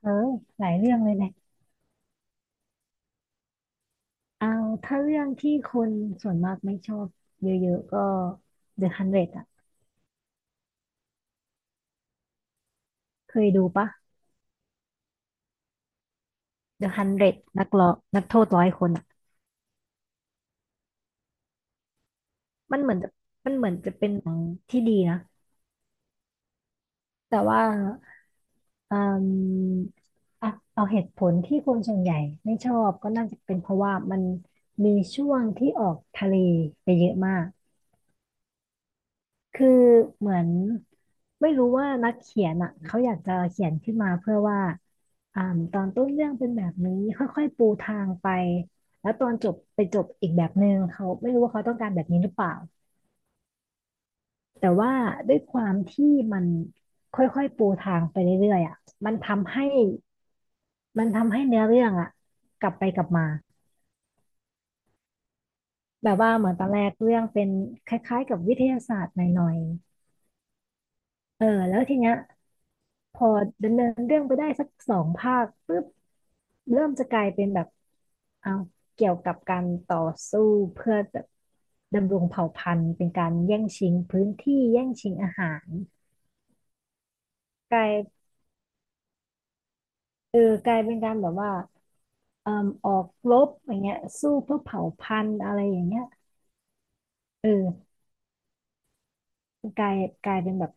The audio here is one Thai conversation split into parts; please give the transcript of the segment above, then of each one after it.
เออหลายเรื่องเลยแหละเอาถ้าเรื่องที่คนส่วนมากไม่ชอบเยอะๆก็ The 100อ่ะเคยดูปะ The 100นเดรดนักร้อนักโทษร้อยคนอ่ะมันเหมือนจะมันเหมือนจะเป็นหนังที่ดีนะแต่ว่าอืมอ่ะเอาเหตุผลที่คนส่วนใหญ่ไม่ชอบก็น่าจะเป็นเพราะว่ามันมีช่วงที่ออกทะเลไปเยอะมาก คือเหมือนไม่รู้ว่านักเขียนอ่ะเขาอยากจะเขียนขึ้นมาเพื่อว่าอ่าตอนต้นเรื่องเป็นแบบนี้ค่อยๆปูทางไปแล้วตอนจบไปจบอีกแบบหนึ่งเขาไม่รู้ว่าเขาต้องการแบบนี้หรือเปล่าแต่ว่าด้วยความที่มันค่อยๆปูทางไปเรื่อยๆอ่ะมันทำให้มันทำให้เนื้อเรื่องอ่ะกลับไปกลับมาแบบว่าเหมือนตอนแรกเรื่องเป็นคล้ายๆกับวิทยาศาสตร์หน่อยๆเออแล้วทีเนี้ย พอดำเนินเรื่องไปได้สักสองภาคปุ๊บเริ่มจะกลายเป็นแบบเอาวเกี่ยวกับการต่อสู้เพื่อแบบดำรงเผ่าพันธุ์เป็นการแย่งชิงพื้นที่แย่งชิงอาหารกลายเออกลายเป็นการแบบว่าเอ่มออกรบอย่างเงี้ยสู้เพื่อเผ่าพันธุ์อะไรอย่างเงี้ยเออกลายกลายเป็นแบบ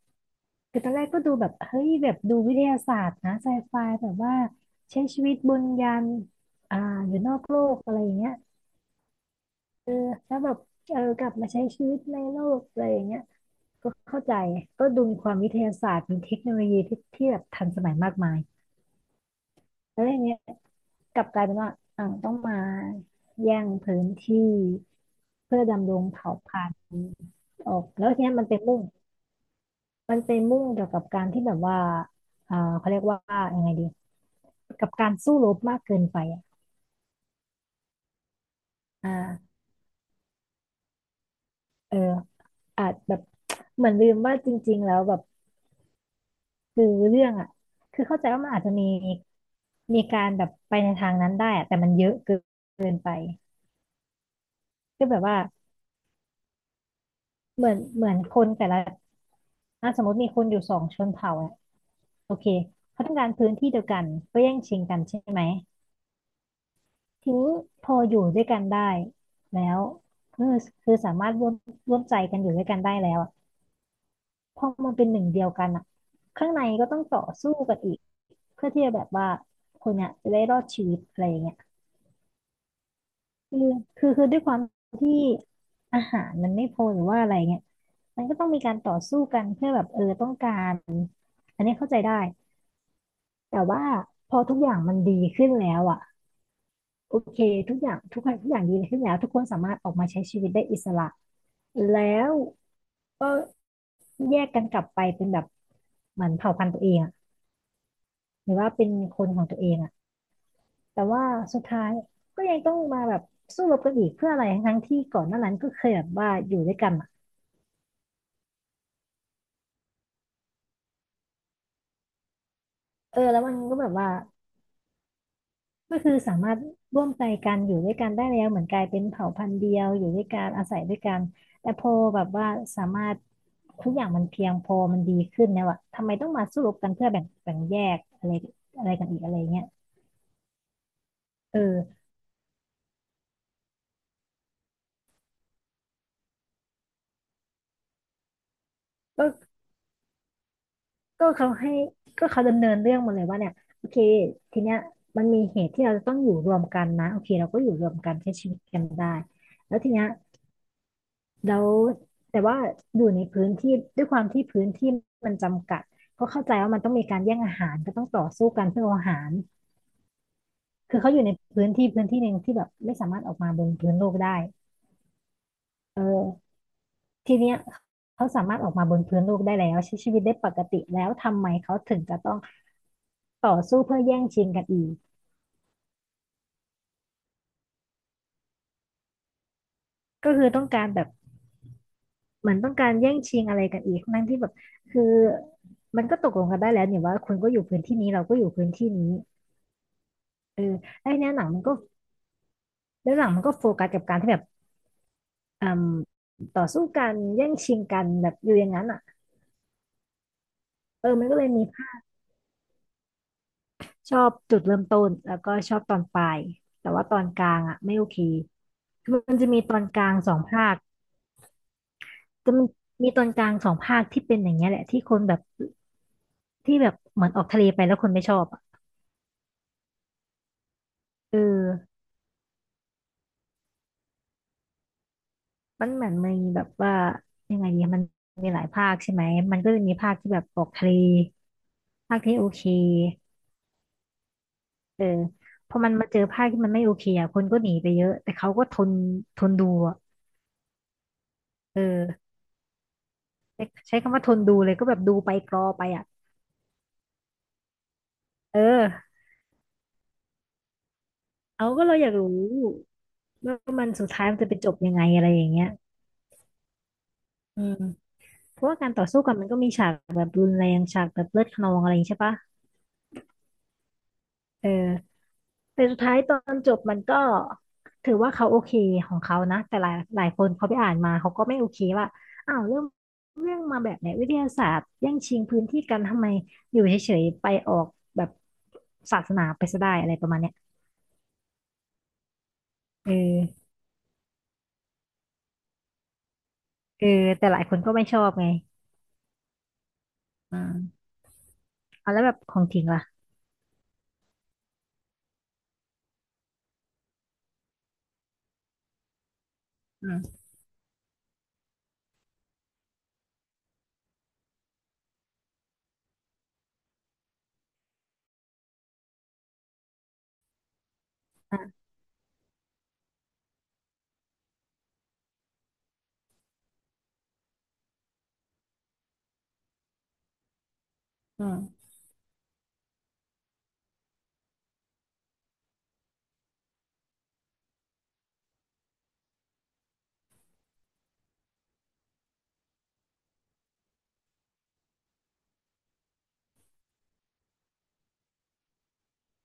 คือตอนแรกก็ดูแบบเฮ้ยแบบดูวิทยาศาสตร์นะไซไฟแบบว่าใช้ชีวิตบนยานอ่าอยู่นอกโลกอะไรอย่างเงี้ย เออแล้วแบบเออกลับมาใช้ชีวิตในโลกอะไรอย่างเงี้ยก็เข้าใจก็ดูมีความวิทยาศาสตร์มีเทคโนโลยีที่แบบทันสมัยมากมายแล้วอย่างเงี้ยกลับกลายเป็นว่าอ่าวต้องมาแย่งพื้นที่เพื่อดำรงเผ่าพันธุ์ออกแล้วทีเนี้ยมันไปมุ่งเกี่ยวกับการที่แบบว่าเขาเรียกว่ายังไงดีกับการสู้รบมากเกินไปอ่ะอ่าเอออาจแบบ เหมือนลืมว่าจริงๆแล้วแบบ คือเรื่องอ่ะคือเข้าใจว่ามันอาจจะมีการแบบไปในทางนั้นได้อะแต่มันเยอะเกินไปก็แบบว่าเหมือนคนแต่ละอ่ะสมมติมีคนอยู่สองชนเผ่าอ่ะโอเคเขาต้องการพื้นที่เดียวกันก็แย่งชิงกันใช่ไหมทีนี้พออยู่ด้วยกันได้แล้วคือคือสามารถร่วมใจกันอยู่ด้วยกันได้แล้วอะพอมันเป็นหนึ่งเดียวกันอ่ะข้างในก็ต้องต่อสู้กันอีกเพื่อที่จะแบบว่าคนเนี้ยจะได้รอดชีวิตอะไรอย่างเงี้ย คือคือด้วยความที่อาหารมันไม่พอหรือว่าอะไรเงี้ยมันก็ต้องมีการต่อสู้กันเพื่อแบบเออต้องการอันนี้เข้าใจได้แต่ว่าพอทุกอย่างมันดีขึ้นแล้วอ่ะโอเคทุกอย่างทุกอย่างทุกอย่างดีขึ้นแล้วทุกคนสามารถออกมาใช้ชีวิตได้อิสระแล้วก็แยกกันกลับไปเป็นแบบเหมือนเผ่าพันธุ์ตัวเองอะหรือว่าเป็นคนของตัวเองอะแต่ว่าสุดท้ายก็ยังต้องมาแบบสู้รบกันอีกเพื่ออะไรทั้งที่ก่อนหน้านั้นก็เคยแบบว่าอยู่ด้วยกัน เออแล้วมันก็แบบว่าก็คือสามารถร่วมใจกันอยู่ด้วยกันได้แล้วเหมือนกลายเป็นเผ่าพันธุ์เดียวอยู่ด้วยกันอาศัยด้วยกันแต่พอแบบว่าสามารถทุกอย่างมันเพียงพอมันดีขึ้นแล้วอะทำไมต้องมาสู้รบกันเพื่อแบ่งแยกอะไรอะไรกันอีกอะไรเงี้ยเออก็ก็เขาให้ก็เขาดำเนินเรื่องมาเลยว่าเนี่ยโอเคทีเนี้ยมันมีเหตุที่เราจะต้องอยู่รวมกันนะโอเคเราก็อยู่รวมกันใช้ชีวิตกันได้แล้วทีเนี้ย แล้วแต่ว่าอยู่ในพื้นที่ด้วยความที่พื้นที่มันจำกัดก็เข้าใจว่ามันต้องมีการแย่งอาหารก็ต้องต่อสู้กันเพื่อเอาอาหารคือเขาอยู่ในพื้นที่หนึ่งที่แบบไม่สามารถออกมาบนพื้นโลกได้เออทีเนี้ยเขาสามารถออกมาบนพื้นโลกได้แล้วใช้ชีวิตได้ปกติแล้วทำไมเขาถึงจะต้องต่อสู้เพื่อแย่งชิงกันอีกก็คือต้องการแบบเหมือนต้องการแย่งชิงอะไรกันอีกทั้งที่แบบคือมันก็ตกลงกันได้แล้วเนี่ยว่าคุณก็อยู่พื้นที่นี้เราก็อยู่พื้นที่นี้เออไอ้เนี่ยหนังมันก็ แล้วหลังมันก็โฟกัสกับการที่แบบอืมต่อสู้กันแย่งชิงกันแบบอยู่อย่างนั้นอ่ะเออมันก็เลยมีภาคชอบจุดเริ่มต้นแล้วก็ชอบตอนปลายแต่ว่าตอนกลางอ่ะไม่โอเคคือมันจะมีตอนกลางสองภาคก็มันมีตอนกลางสองภาคที่เป็นอย่างเงี้ยแหละที่คนแบบที่แบบเหมือนออกทะเลไปแล้วคนไม่ชอบอ่ะเออมันเหมือนมีแบบว่ายังไงดีมันมีหลายภาคใช่ไหมมันก็จะมีภาคที่แบบออกทะเลภาคที่โอเค เออพอมันมาเจอภาพที่มันไม่โอเคอ่ะคนก็หนีไปเยอะแต่เขาก็ทนทนดูอ่ะเออใช้คำว่าทนดูเลยก็แบบดูไปกรอไปอ่ะเออเอาก็เราอยากรู้ว่ามันสุดท้ายมันจะไปจบยังไงอะไรอย่างเงี้ยอืมเพราะว่าการต่อสู้กันมันก็มีฉากแบบรุนแรงฉากแบบเลือดคะนองอะไรอย่างงี้ใช่ปะเออ แต่สุดท้ายตอนจบมันก็ถือว่าเขาโอเคของเขานะแต่หลายคนเขาไปอ่านมาเขาก็ไม่โอเคว่าอ้าวเรื่องมาแบบไหนวิทยาศาสตร์แย่งชิงพื้นที่กันทำไมอยู่เฉยๆไปออกแบบศาสนาไปซะได้อะไรประมาณเนี้ยเออเออแต่หลายคนก็ไม่ชอบไงอืมเอาแล้วแบบของทิ้งล่ะอืมอ่ะอืม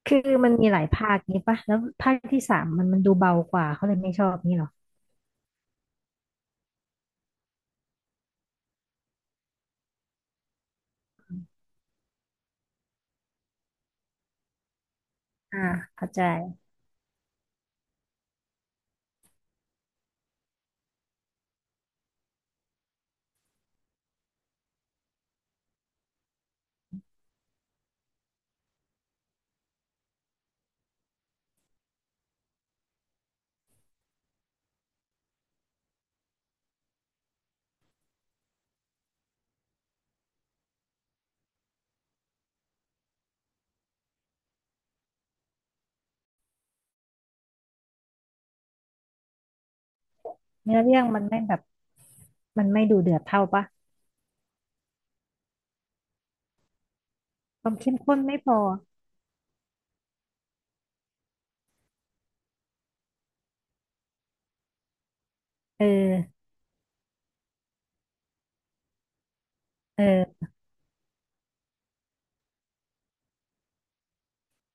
คือมันมีหลายภาคนี้ปะแล้วภาคที่สามมันดูเบากว่าเขาเลยไม่ชอบนี่หรออ่าเข้าใจเนื้อเรื่องมันไม่แบบมันไม่ดูเดือดเท่าปะ ความเข้มข้นไม่พอเออเออ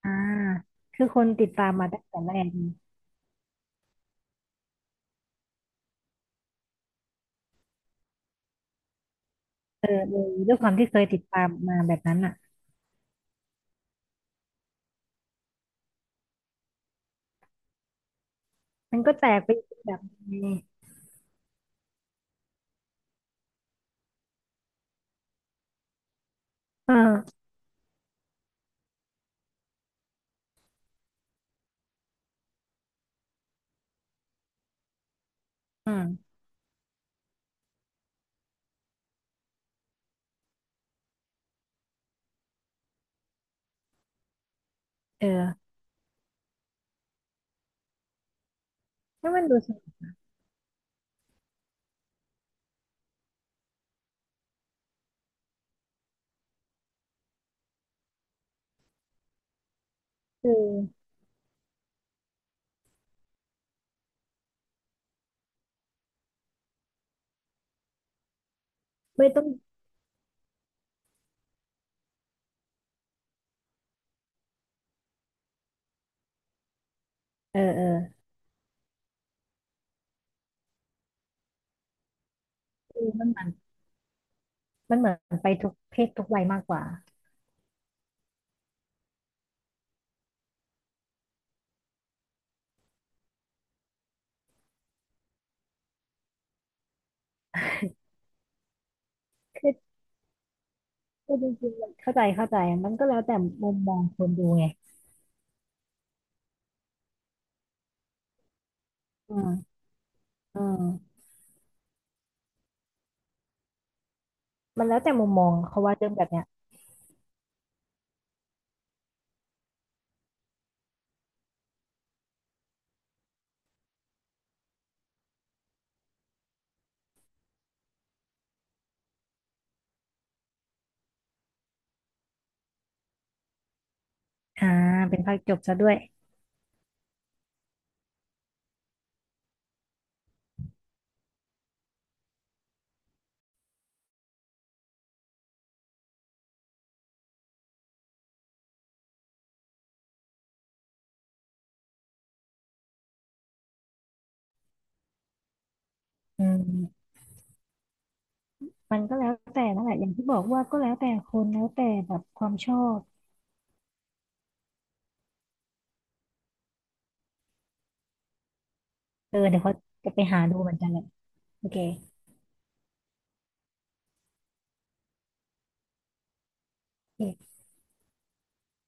อ่าคือคนติดตามมาตั้งแต่แรกไงเออเอยด้วยความที่เคยติดตามมาแบบนั้นอ่ะมันก็แตกไปอีกแบบนึงไงเอออืมเออให้มันดูสนุกคือไม่ต้องเออเออคือมันเหมือนไปทุกเพศทุกวัยมากกว่า คือคือจริงๆมันเข้าใจมันก็แล้วแต่มุมมองคนดูไงอืมอืมมันแล้วแต่มุมมองเขาว่าเรื่องแบบเนี้ยอ่าเป็นภาคจบซะด้วยอืม มันก็แล้วแต่นั่นแหละอย่างที่บอกว่าก็แล้วแต่คนแล้วแต่แบบความชอบเออเดี๋ยวเขาจะไปหาดูเหมือนกันแหละโอเค